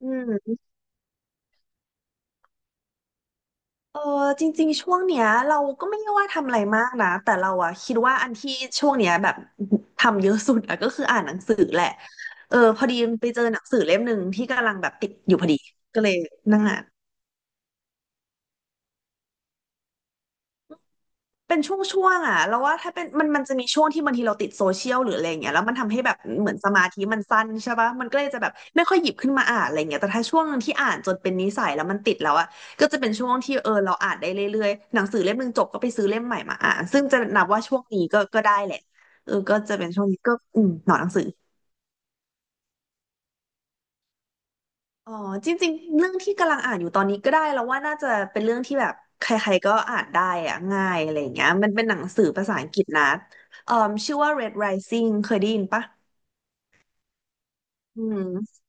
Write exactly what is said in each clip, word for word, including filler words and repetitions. อืมเออจริงๆ ช่วงเนี้ยเราก็ไม่ได้ว่าทำอะไรมากนะ แต่เราอะคิดว่าอันที่ช่วงเนี้ยแบบทำเยอะสุดอะก็คืออ่านหนังสือแหละเออพอดีไปเจอหนังสือเล่มหนึ่งที่กำลังแบบติดอยู่พอดีก็เลยนั่งอ่าน เป็นช่วงๆอ่ะแล้วว่าถ้าเป็นมันมันจะมีช่วงที่บางทีเราติดโซเชียลหรืออะไรเงี้ยแล้วมันทำให้แบบเหมือนสมาธิมันสั้นใช่ปะมันก็เลยจะแบบไม่ค่อยหยิบขึ้นมาอ่านอะไรเงี้ยแต่ถ้าช่วงหนึ่งที่อ่านจนเป็นนิสัยแล้วมันติดแล้วอ่ะก็จะเป็นช่วงที่เออเราอ่านได้เรื่อยๆหนังสือเล่มหนึ่งจบก็ไปซื้อเล่มใหม่มาอ่านซึ่งจะนับว่าช่วงนี้ก็ก็ได้แหละเออก็จะเป็นช่วงนี้ก็อืมหนอนหนังสือ อ๋อจริงๆเรื่องที่กำลังอ่านอยู่ตอนนี้ก็ได้แล้วว่าน่าจะเป็นเรื่องที่แบบใครๆก็อ่านได้อะง่ายอะไรอย่างเงี้ยมันเป็นหนังสือภาษาอังกฤษนะเอ่อชื่อว่า Red Rising เคยได้ยินปะอืม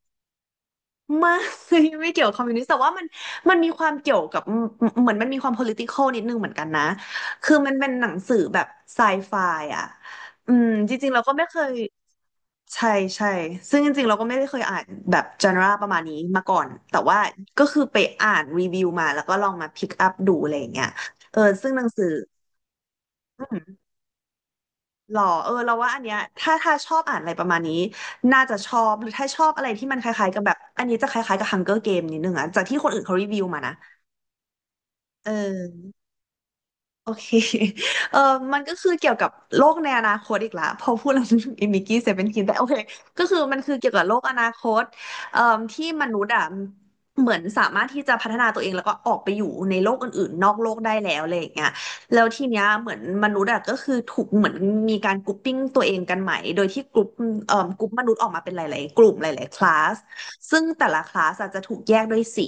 ไม่ ไม่เกี่ยวกับคอมมิวนิสต์แต่ว่ามันมันมีความเกี่ยวกับอืมเหมือนมันมีความ political นิดนึงเหมือนกันนะคือมันเป็นหนังสือแบบไซไฟอ่ะอืมจริงๆเราก็ไม่เคย ใช่ใช่ซึ่งจริงๆเราก็ไม่ได้เคยอ่านแบบจ n น a ประมาณนี้มาก่อนแต่ว่าก็คือไปอ่านรีวิวมาแล้วก็ลองมาพิกอัพดูอะไรอย่างเงี้ยเออซึ่งหนังสืออืมหรอเออเราว่าอันเนี้ยถ้าถ้าชอบอ่านอะไรประมาณนี้น่าจะชอบหรือถ้าชอบอะไรที่มันคล้ายๆกับแบบอันนี้จะคล้ายๆกับ Hunger Game นิดนึงอะจากที่คนอื่นเขารีวิวมานะเออ โอเค เออมันก็คือเกี่ยวกับโลกในอนาคตอีกละ พอพูดแล้วนึกถึงอิมิกี้เซเว่นทีนแต่โอเคก็คือมันคือเกี่ยวกับโลกอนาคตเอ่อที่มนุษย์อ่ะเหมือนสามารถที่จะพัฒนาตัวเองแล้วก็ออกไปอยู่ในโลกอื่นๆนอกโลกได้แล้วอะไรอย่างเงี้ยแล้วทีเนี้ยเหมือนมนุษย์อ่ะก็คือถูกเหมือนมีการกรุ๊ปปิ้งตัวเองกันใหม่โดยที่กรุ๊ปเอ่อกรุ๊ปมนุษย์ออกมาเป็นหลายๆกลุ่มหลายๆคลาสซึ่งแต่ละคลาสอาจจะถูกแยกด้วยสี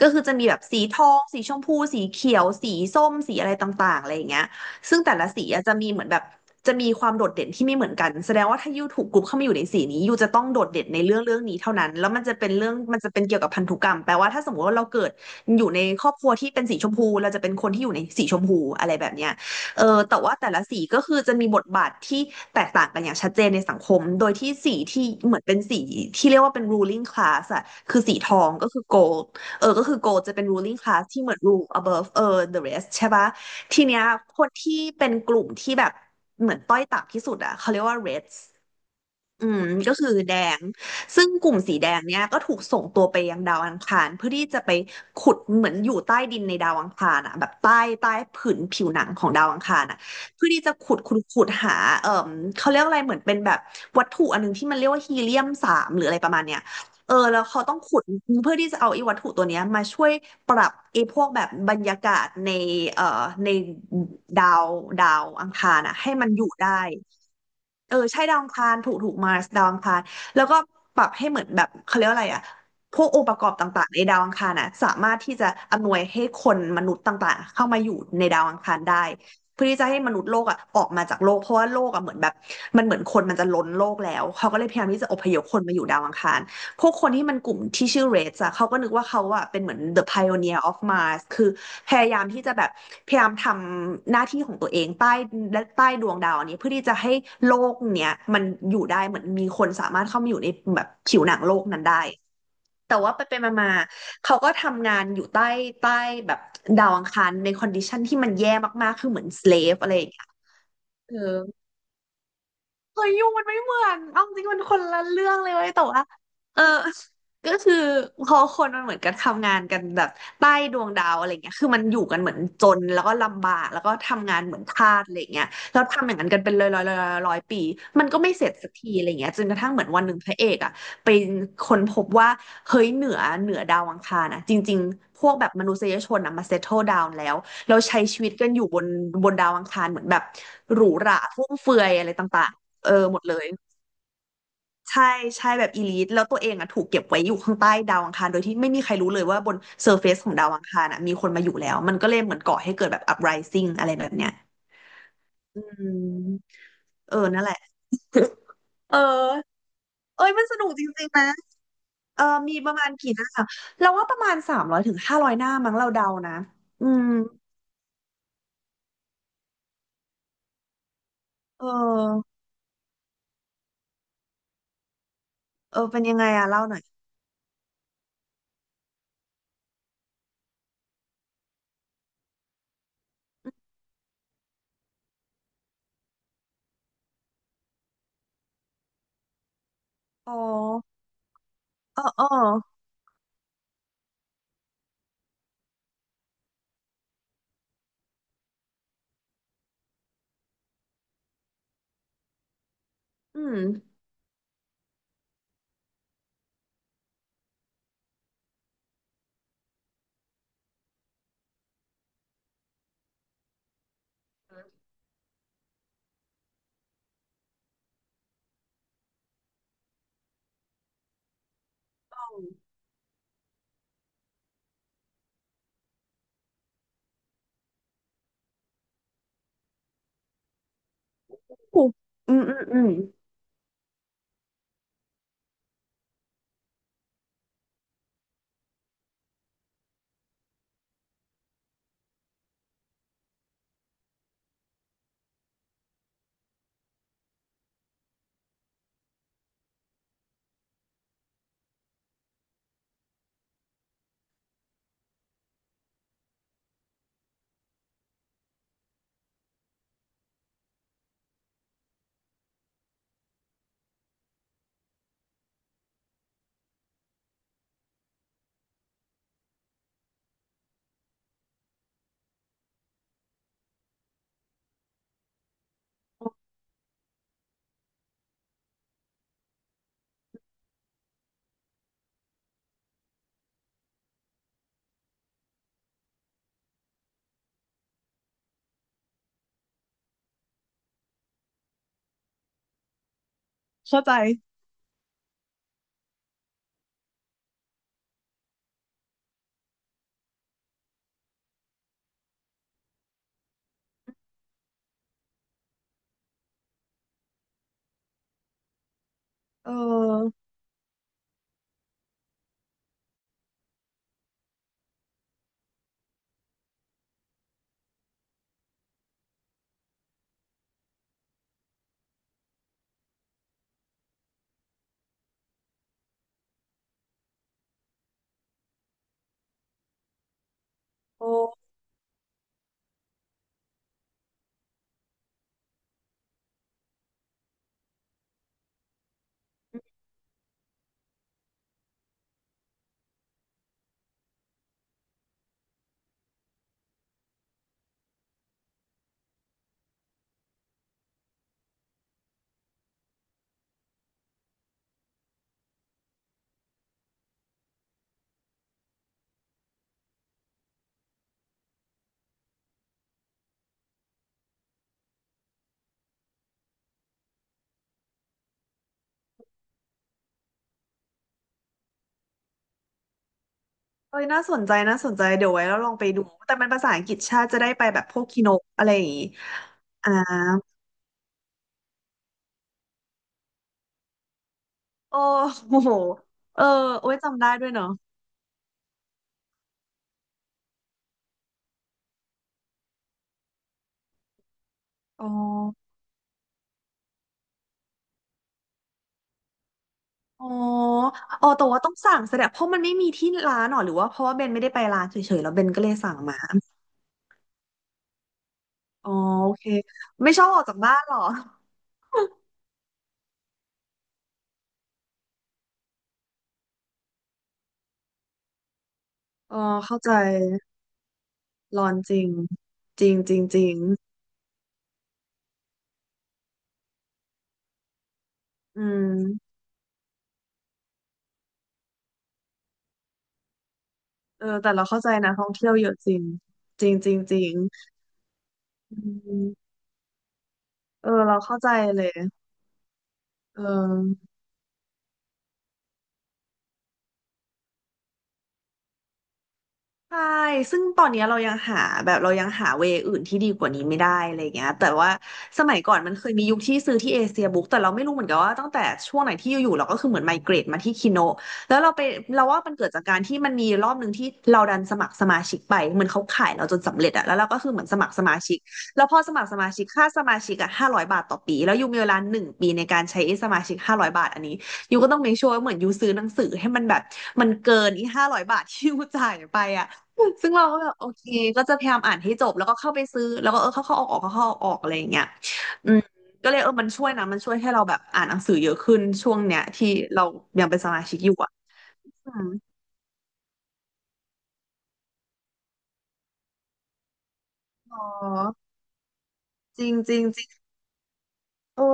ก็คือจะมีแบบสีทองสีชมพูสีเขียวสีส้มสีอะไรต่างๆอะไรอย่างเงี้ยซึ่งแต่ละสีอะจะมีเหมือนแบบจะมีความโดดเด่นที่ไม่เหมือนกันแสดงว่าถ้ายูถูกกรุ๊ปเข้ามาอยู่ในสีนี้ยูจะต้องโดดเด่นในเรื่องเรื่องนี้เท่านั้นแล้วมันจะเป็นเรื่องมันจะเป็นเกี่ยวกับพันธุกรรมแปลว่าถ้าสมมติว่าเราเกิดอยู่ในครอบครัวที่เป็นสีชมพูเราจะเป็นคนที่อยู่ในสีชมพูอะไรแบบเนี้ยเออแต่ว่าแต่ละสีก็คือจะมีบทบาทที่แตกต่างกันอย่างชัดเจนในสังคมโดยที่สีที่เหมือนเป็นสีที่เรียกว่าเป็น ruling class อะคือสีทองก็คือ gold เออก็คือ gold จะเป็น ruling class ที่เหมือน rule above เออ the rest ใช่ปะทีเนี้ยคนที่เป็นกลุ่มที่แบบเหมือนต้อยต่ำที่สุดอะเขาเรียกว่า reds อืมก็คือแดงซึ่งกลุ่มสีแดงเนี้ยก็ถูกส่งตัวไปยังดาวอังคารเพื่อที่จะไปขุดเหมือนอยู่ใต้ดินในดาวอังคารอ่ะแบบใต้ใต้ผืนผิวหนังของดาวอังคารอ่ะเพื่อที่จะขุดขุดขุดหาเอ่อเขาเรียกอะไรเหมือนเป็นแบบวัตถุอันนึงที่มันเรียกว่าฮีเลียมสามหรืออะไรประมาณเนี้ยเออแล้วเขาต้องขุดเพื่อที่จะเอาไอ้วัตถุตัวเนี้ยมาช่วยปรับไอ้พวกแบบบรรยากาศในเอ่อในดาวดาวอังคารอ่ะให้มันอยู่ได้ เออใช่ดาวอังคารถูกถูกมาร์สดาวอังคารแล้วก็ปรับให้เหมือนแบบเขาเรียกว่าอะไรอะพวกองค์ประกอบต่างๆในดาวอังคารน่ะสามารถที่จะอำนวยให้คนมนุษย์ต่างๆเข้ามาอยู่ในดาวอังคารได้เพื่อที่จะให้มนุษย์โลกอะออกมาจากโลกเพราะว่าโลกอะเหมือนแบบมันเหมือนคนมันจะล้นโลกแล้วเขาก็เลยพยายามที่จะอพยพคนมาอยู่ดาวอังคาร พวกคนที่มันกลุ่มที่ชื่อ Reds อะเขาก็นึกว่าเขาอะเป็นเหมือน the pioneer of Mars คือพยายามที่จะแบบพยายามทำหน้าที่ของตัวเองใต้และใต้ดวงดาวอันนี้เพื่อที่จะให้โลกเนี้ยมันอยู่ได้เหมือนมีคนสามารถเข้ามาอยู่ในแบบผิวหนังโลกนั้นได้แต่ว่าไปไปมามาๆเขาก็ทำงานอยู่ใต้ใต้แบบดาวอังคารในคอนดิชันที่มันแย่มากๆคือเหมือน slave อะไรอย่างเงี้ยเออ เฮ้ยยูมันไม่เหมือนเอาจริงมันคนละเรื่องเลยเว้ยแต่ว่าเออก็คือพอคนมันเหมือนกันทำงานกันแบบใต้ดวงดาวอะไรเงี้ยคือมันอยู่กันเหมือนจนแล้วก็ลำบากแล้วก็ทำงานเหมือนทาสอะไรเงี้ยแล้วทำอย่างนั้นกันเป็นร้อยร้อยร้อยร้อยปีมันก็ไม่เสร็จสักทีอะไรเงี้ยจนกระทั่งเหมือนวันหนึ่งพระเอกอ่ะไปค้นพบว่าเฮ้ยเหนือเหนือดาวอังคารนะจริงๆพวกแบบมนุษยชนอ่ะมาเซตเทิลดาวน์แล้วเราใช้ชีวิตกันอยู่บนบนดาวอังคารเหมือนแบบหรูหราฟุ่มเฟือยอะไรต่างๆ เออหมดเลยใช่ใช่แบบอีลิทแล้วตัวเองอ่ะถูกเก็บไว้อยู่ข้างใต้ดาวอังคารโดยที่ไม่มีใครรู้เลยว่าบนเซอร์เฟซของดาวอังคารอ่ะมีคนมาอยู่แล้วมันก็เลยเหมือนก่อให้เกิดแบบอั r ไรซิ่งอะไรแบบเนี้ยอืมเออนั่นแหละเออเอ้ยมันสนุกจริงๆนะเออมีประมาณกี่หน้าเราว่าประมาณสามร้อยถึงห้าร้อยหน้ามั้งเราเดานะอืมเออเออเป็นยังไงอะเล่าหน่อยอ๋อเออเอออืมอืมอืมอืมเออโอ้ เอ้ยน่าสนใจน่าสนใจเดี๋ยวไว้แล้วลองไปดูแต่มันภาษาอังกฤษชาติจะได้ไปแบบพวกคีโนอะไรอย่างงี้อ่าโอ้โหเออโอ้ยจำได้ด้วยเนาะอ๋ออ๋ออ๋อแต่ว่าต้องสั่งแสดงเพราะมันไม่มีที่ร้านหรอหรือว่าเพราะว่าเบนไม่ได้ไปร้านเฉยๆแล้วเบนก็เลยสั่งมาอ๋อโอเคไม่ชอบออกจากบ้านหรออ๋อเข้าใจร้อนจริงจริงจริงจริงอืมเออแต่เราเข้าใจนะท่องเที่ยวเยอะจริงจริงจริงจริงอืม เออเราเข้าใจเลยเออ ใช่ซึ่งตอนเนี้ยเรายังหาแบบเรายังหาเวยอื่นที่ดีกว่านี้ไม่ได้อะไรเงี้ยแต่ว่าสมัยก่อนมันเคยมียุคที่ซื้อที่เอเชียบุ๊กแต่เราไม่รู้เหมือนกันว่าตั้งแต่ช่วงไหนที่อยู่ๆเราก็คือเหมือนไมเกรตมาที่คิโนะแล้วเราไปเราว่ามันเกิดจากการที่มันมีรอบหนึ่งที่เราดันสมัครสมาชิกไปเหมือนเขาขายเราจนสำเร็จอะแล้วเราก็คือเหมือนสมัครสมาชิกแล้วพอสมัครสมาชิกค่าสมาชิกอะห้าร้อยบาทต่อปีแล้วยูมีเวลาหนึ่งปีในการใช้ไอ้สมาชิกห้าร้อยบาทอันนี้ยูก็ต้อง make sure ว่าเหมือนยูซื้อหนังสือให้มันแบบมันเกินอีห้าร้อยบาทที่ยูจ่ายไปอะ ซึ่งเราก็แบบโอเคก็จะพยายามอ่านให้จบแล้วก็เข้าไปซื้อแล้วก็เออเข้าเข้าออกออกเข้าเข้าออกออกอะไรอย่างเงี้ยอืมก็เลยเออมันช่วยนะมันช่วยให้เราแบบอ่านหนังสือเยอะขึ้นช่วงเนี้ยที่เรายังเป็นสมาชิกอยู่อ่ะอืมอ๋อจริงจริง เออ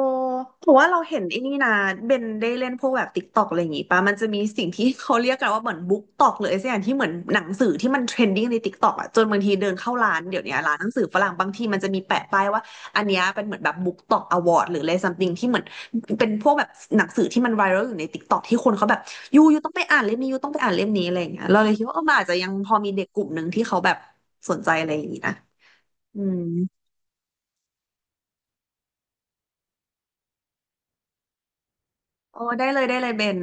ผมว่าเราเห็นไอ้นี่นะเบนได้เล่นพวกแบบติ๊กตอกอะไรอย่างงี้ปะมันจะมีสิ่งที่เขาเรียกกันว่าเหมือนบุ๊กตอกเลยสักอย่างที่เหมือนหนังสือที่มันเทรนดิ้งในติ๊กตอกอะจนบางทีเดินเข้าร้านเดี๋ยวนี้ร้านหนังสือฝรั่งบางทีมันจะมีแปะป้ายว่าอันเนี้ยเป็นเหมือนแบบบุ๊กตอกอวอร์ดหรืออะไรซัมติงที่เหมือนเป็นพวกแบบหนังสือที่มันไวรัลอยู่ในติ๊กตอกที่คนเขาแบบยูยูต้องไปอ่านเล่มนี้ยูต้องไปอ่านเล่มนี้อะไรอย่างเงี้ยเราเลยคิดว่าเออมันอาจจะยังพอมีเด็กกลุ่มหนึ่งที่เขาแบบสนใจอะไรอย่างงี้นะอืมโอ้ได้เลยได้เลยเบน